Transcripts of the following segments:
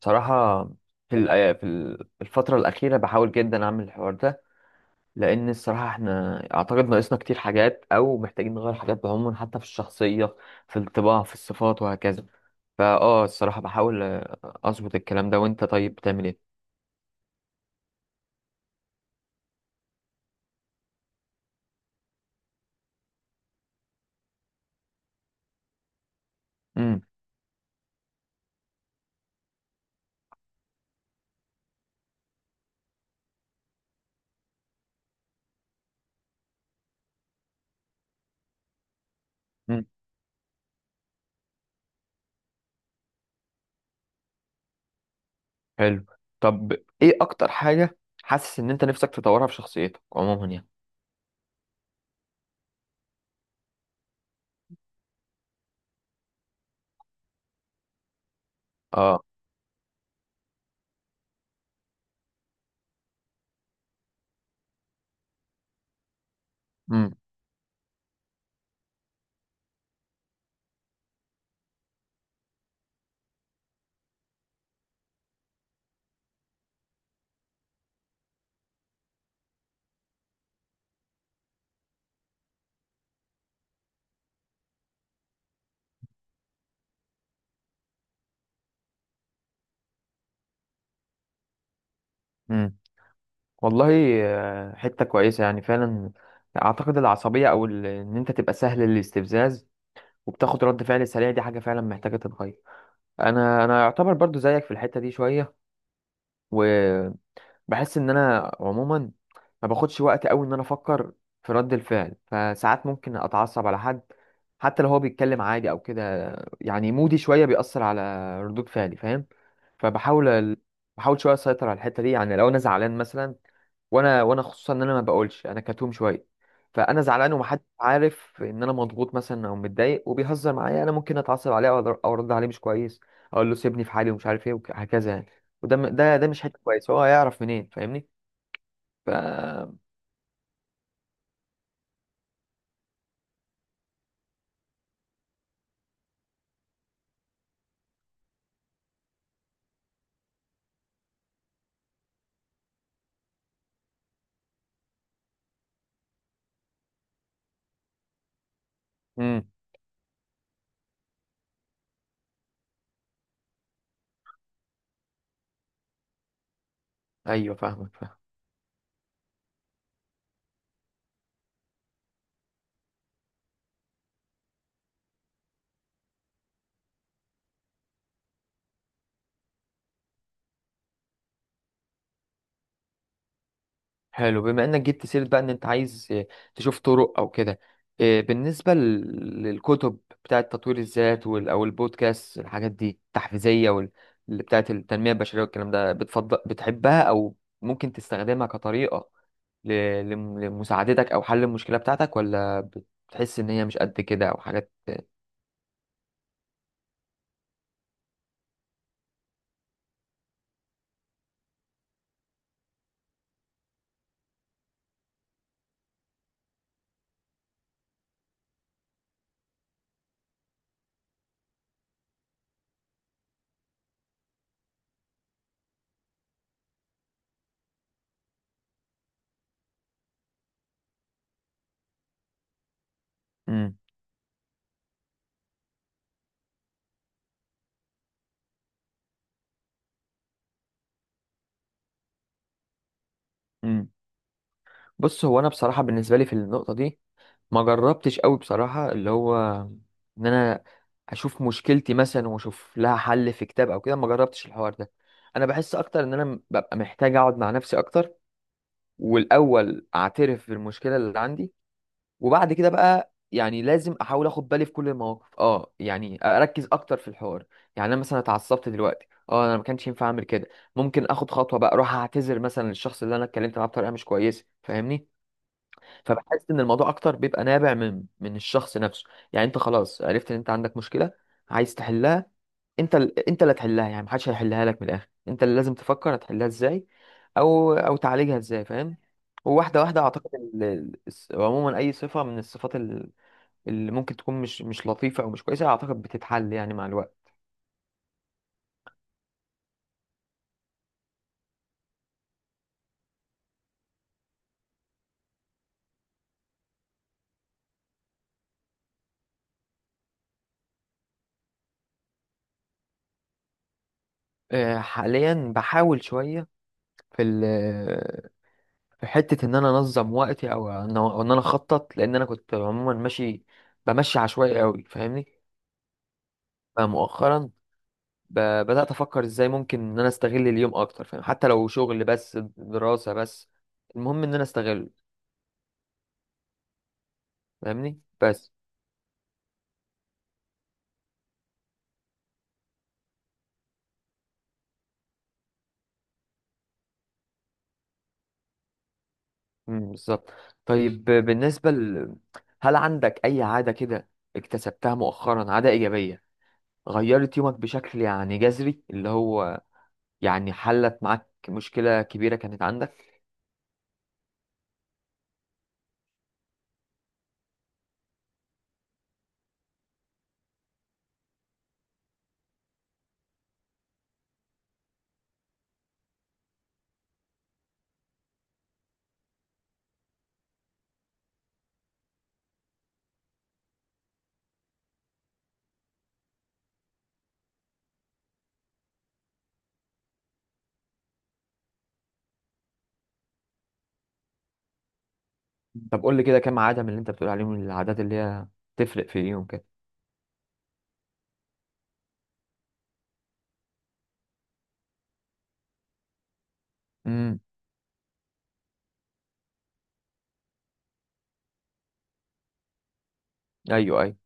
صراحة. في الأي- في ال- في الفترة الأخيرة بحاول جدا أعمل الحوار ده، لأن الصراحة إحنا أعتقد ناقصنا كتير حاجات، أو محتاجين نغير حاجات بعموم، حتى في الشخصية، في الطباع، في الصفات، وهكذا. فأه الصراحة بحاول أظبط الكلام ده. وأنت طيب بتعمل إيه؟ امم، امم. حلو. طب، إيه أكتر حاجة حاسس إن أنت نفسك تطورها في شخصيتك عموما يعني؟ أه. امم، امم. والله، حتة كويسة يعني فعلا. أعتقد العصبية إن أنت تبقى سهل الاستفزاز، وبتاخد رد فعل سريع، دي حاجة فعلا محتاجة تتغير. انا يعتبر برضو زيك في الحتة دي شوية، وبحس ان انا عموما ما باخدش وقت قوي ان انا افكر في رد الفعل، فساعات ممكن اتعصب على حد حتى لو هو بيتكلم عادي او كده. يعني مودي شوية بيأثر على ردود فعلي، فاهم؟ فبحاول ال- بحاول شوية اسيطر على الحتة دي. يعني لو انا زعلان مثلا، وانا خصوصا ان انا ما بقولش، انا كتوم شويه. فانا زعلان ومحدش عارف ان انا مضغوط مثلا او متضايق، وبيهزر معايا، انا ممكن اتعصب عليه او أر- أو ارد عليه مش كويس. اقول له سيبني في حالي ومش عارف ايه وهكذا يعني. وده م- ده ده مش حته كويسه، هو هيعرف منين؟ فاهمني؟ ف امم. ايوه، فاهمك. حلو، بما انك جبت سيرة بقى ان انت عايز، تشوف طرق او كده. بالنسبة للكتب بتاعة تطوير الذات او البودكاست، الحاجات دي التحفيزية اللي بتاعة التنمية البشرية والكلام ده، بتفضل بتحبها او ممكن تستخدمها كطريقة لمساعدتك او حل المشكلة بتاعتك، ولا بتحس ان هي مش قد كده او حاجات؟ مم. مم. بص، هو انا بصراحة بالنسبة لي في النقطة دي ما جربتش قوي بصراحة، اللي هو ان انا اشوف مشكلتي مثلا واشوف لها حل في كتاب او كده، ما جربتش الحوار ده. انا بحس اكتر ان انا ببقى محتاج اقعد مع نفسي اكتر، والاول اعترف بالمشكلة اللي عندي، وبعد كده بقى يعني لازم احاول اخد بالي في كل المواقف، يعني اركز اكتر في الحوار. يعني انا مثلا اتعصبت دلوقتي، انا ما كانش ينفع اعمل كده. ممكن اخد خطوة بقى، اروح اعتذر مثلا للشخص اللي انا اتكلمت معاه بطريقة مش كويسة، فاهمني؟ فبحس ان الموضوع اكتر بيبقى نابع من الشخص نفسه. يعني انت خلاص عرفت ان انت عندك مشكله، عايز تحلها، انت اللي هتحلها، يعني محدش هيحلها لك، من الاخر انت اللي لازم تفكر هتحلها ازاي، او تعالجها ازاي، فاهم؟ وواحده واحده، اعتقد عموما اي صفه من الصفات اللي ممكن تكون مش لطيفه او مش كويسه، اعتقد بتتحل يعني مع الوقت. حاليا بحاول شويه في في حتة إن أنا أنظم وقتي أو إن أنا أخطط، لأن أنا كنت عموما بمشي عشوائي أوي، فاهمني؟ فمؤخرا بدأت أفكر إزاي ممكن إن أنا أستغل اليوم أكتر، فاهم؟ حتى لو شغل بس دراسة بس، المهم إن أنا أستغله، فاهمني؟ بس مم، بالظبط. طيب، بالنسبة هل عندك أي عادة كده اكتسبتها مؤخرا، عادة إيجابية غيرت يومك بشكل يعني جذري، اللي هو يعني حلت معاك مشكلة كبيرة كانت عندك؟ طب قول لي كده، كام عاده من اللي انت بتقول عليهم، العادات اللي هي تفرق في اليوم كده؟ امم. ايوه، ايوه.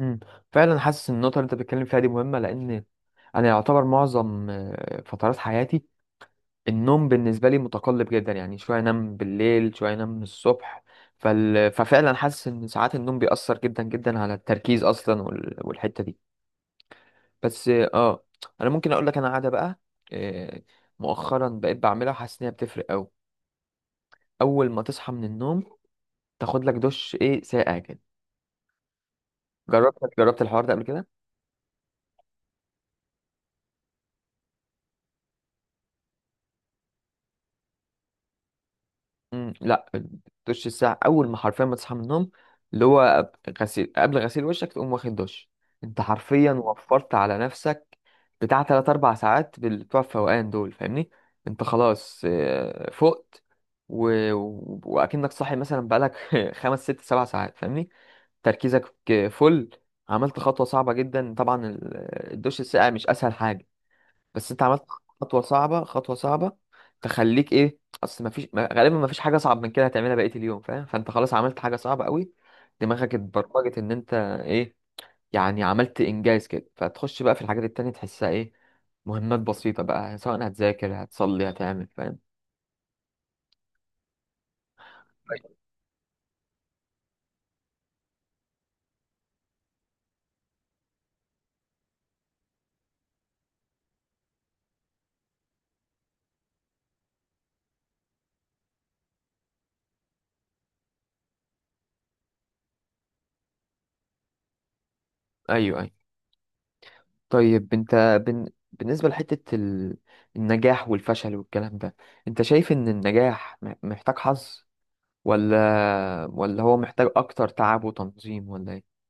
امم فعلا حاسس ان النقطه اللي انت بتتكلم فيها دي مهمه، لان انا يعتبر معظم فترات حياتي، النوم بالنسبه لي متقلب جدا، يعني شويه انام بالليل، شويه انام الصبح. ففعلا حاسس ان ساعات النوم بيأثر جدا جدا على التركيز اصلا والحته دي. بس انا ممكن اقول لك انا عاده بقى، آه، مؤخرا بقيت بعملها وحاسس ان هي بتفرق قوي. اول ما تصحى من النوم، تاخد لك دش ايه ساقع كده. جربت جربت الحوار ده قبل كده؟ امم، لا، الدش الساقع اول ما حرفيا ما تصحى من النوم، اللي هو قبل غسيل وشك، تقوم واخد دش. انت حرفيا وفرت على نفسك بتاع 3 4 ساعات بتوع الفوقان دول، فاهمني؟ انت خلاص فقت، واكنك صاحي مثلا بقالك 5 6 7 ساعات، فاهمني؟ تركيزك. فل عملت خطوة صعبة جدا طبعا، الدش الساقع مش اسهل حاجة، بس انت عملت خطوه صعبه، خطوه صعبه تخليك ايه. اصل ما فيش، غالبا ما فيش حاجه اصعب من كده هتعملها بقيه اليوم، فاهم؟ فانت خلاص عملت حاجه صعبه قوي، دماغك اتبرمجت ان انت ايه، يعني عملت انجاز كده، فتخش بقى في الحاجات التانية تحسها ايه، مهمات بسيطه بقى، سواء هتذاكر، هتصلي، هتعمل، فاهم؟ ايوه، ايوه. طيب انت، بالنسبه لحته النجاح والفشل والكلام ده، انت شايف ان النجاح محتاج حظ، ولا هو محتاج اكتر تعب وتنظيم ولا ايه؟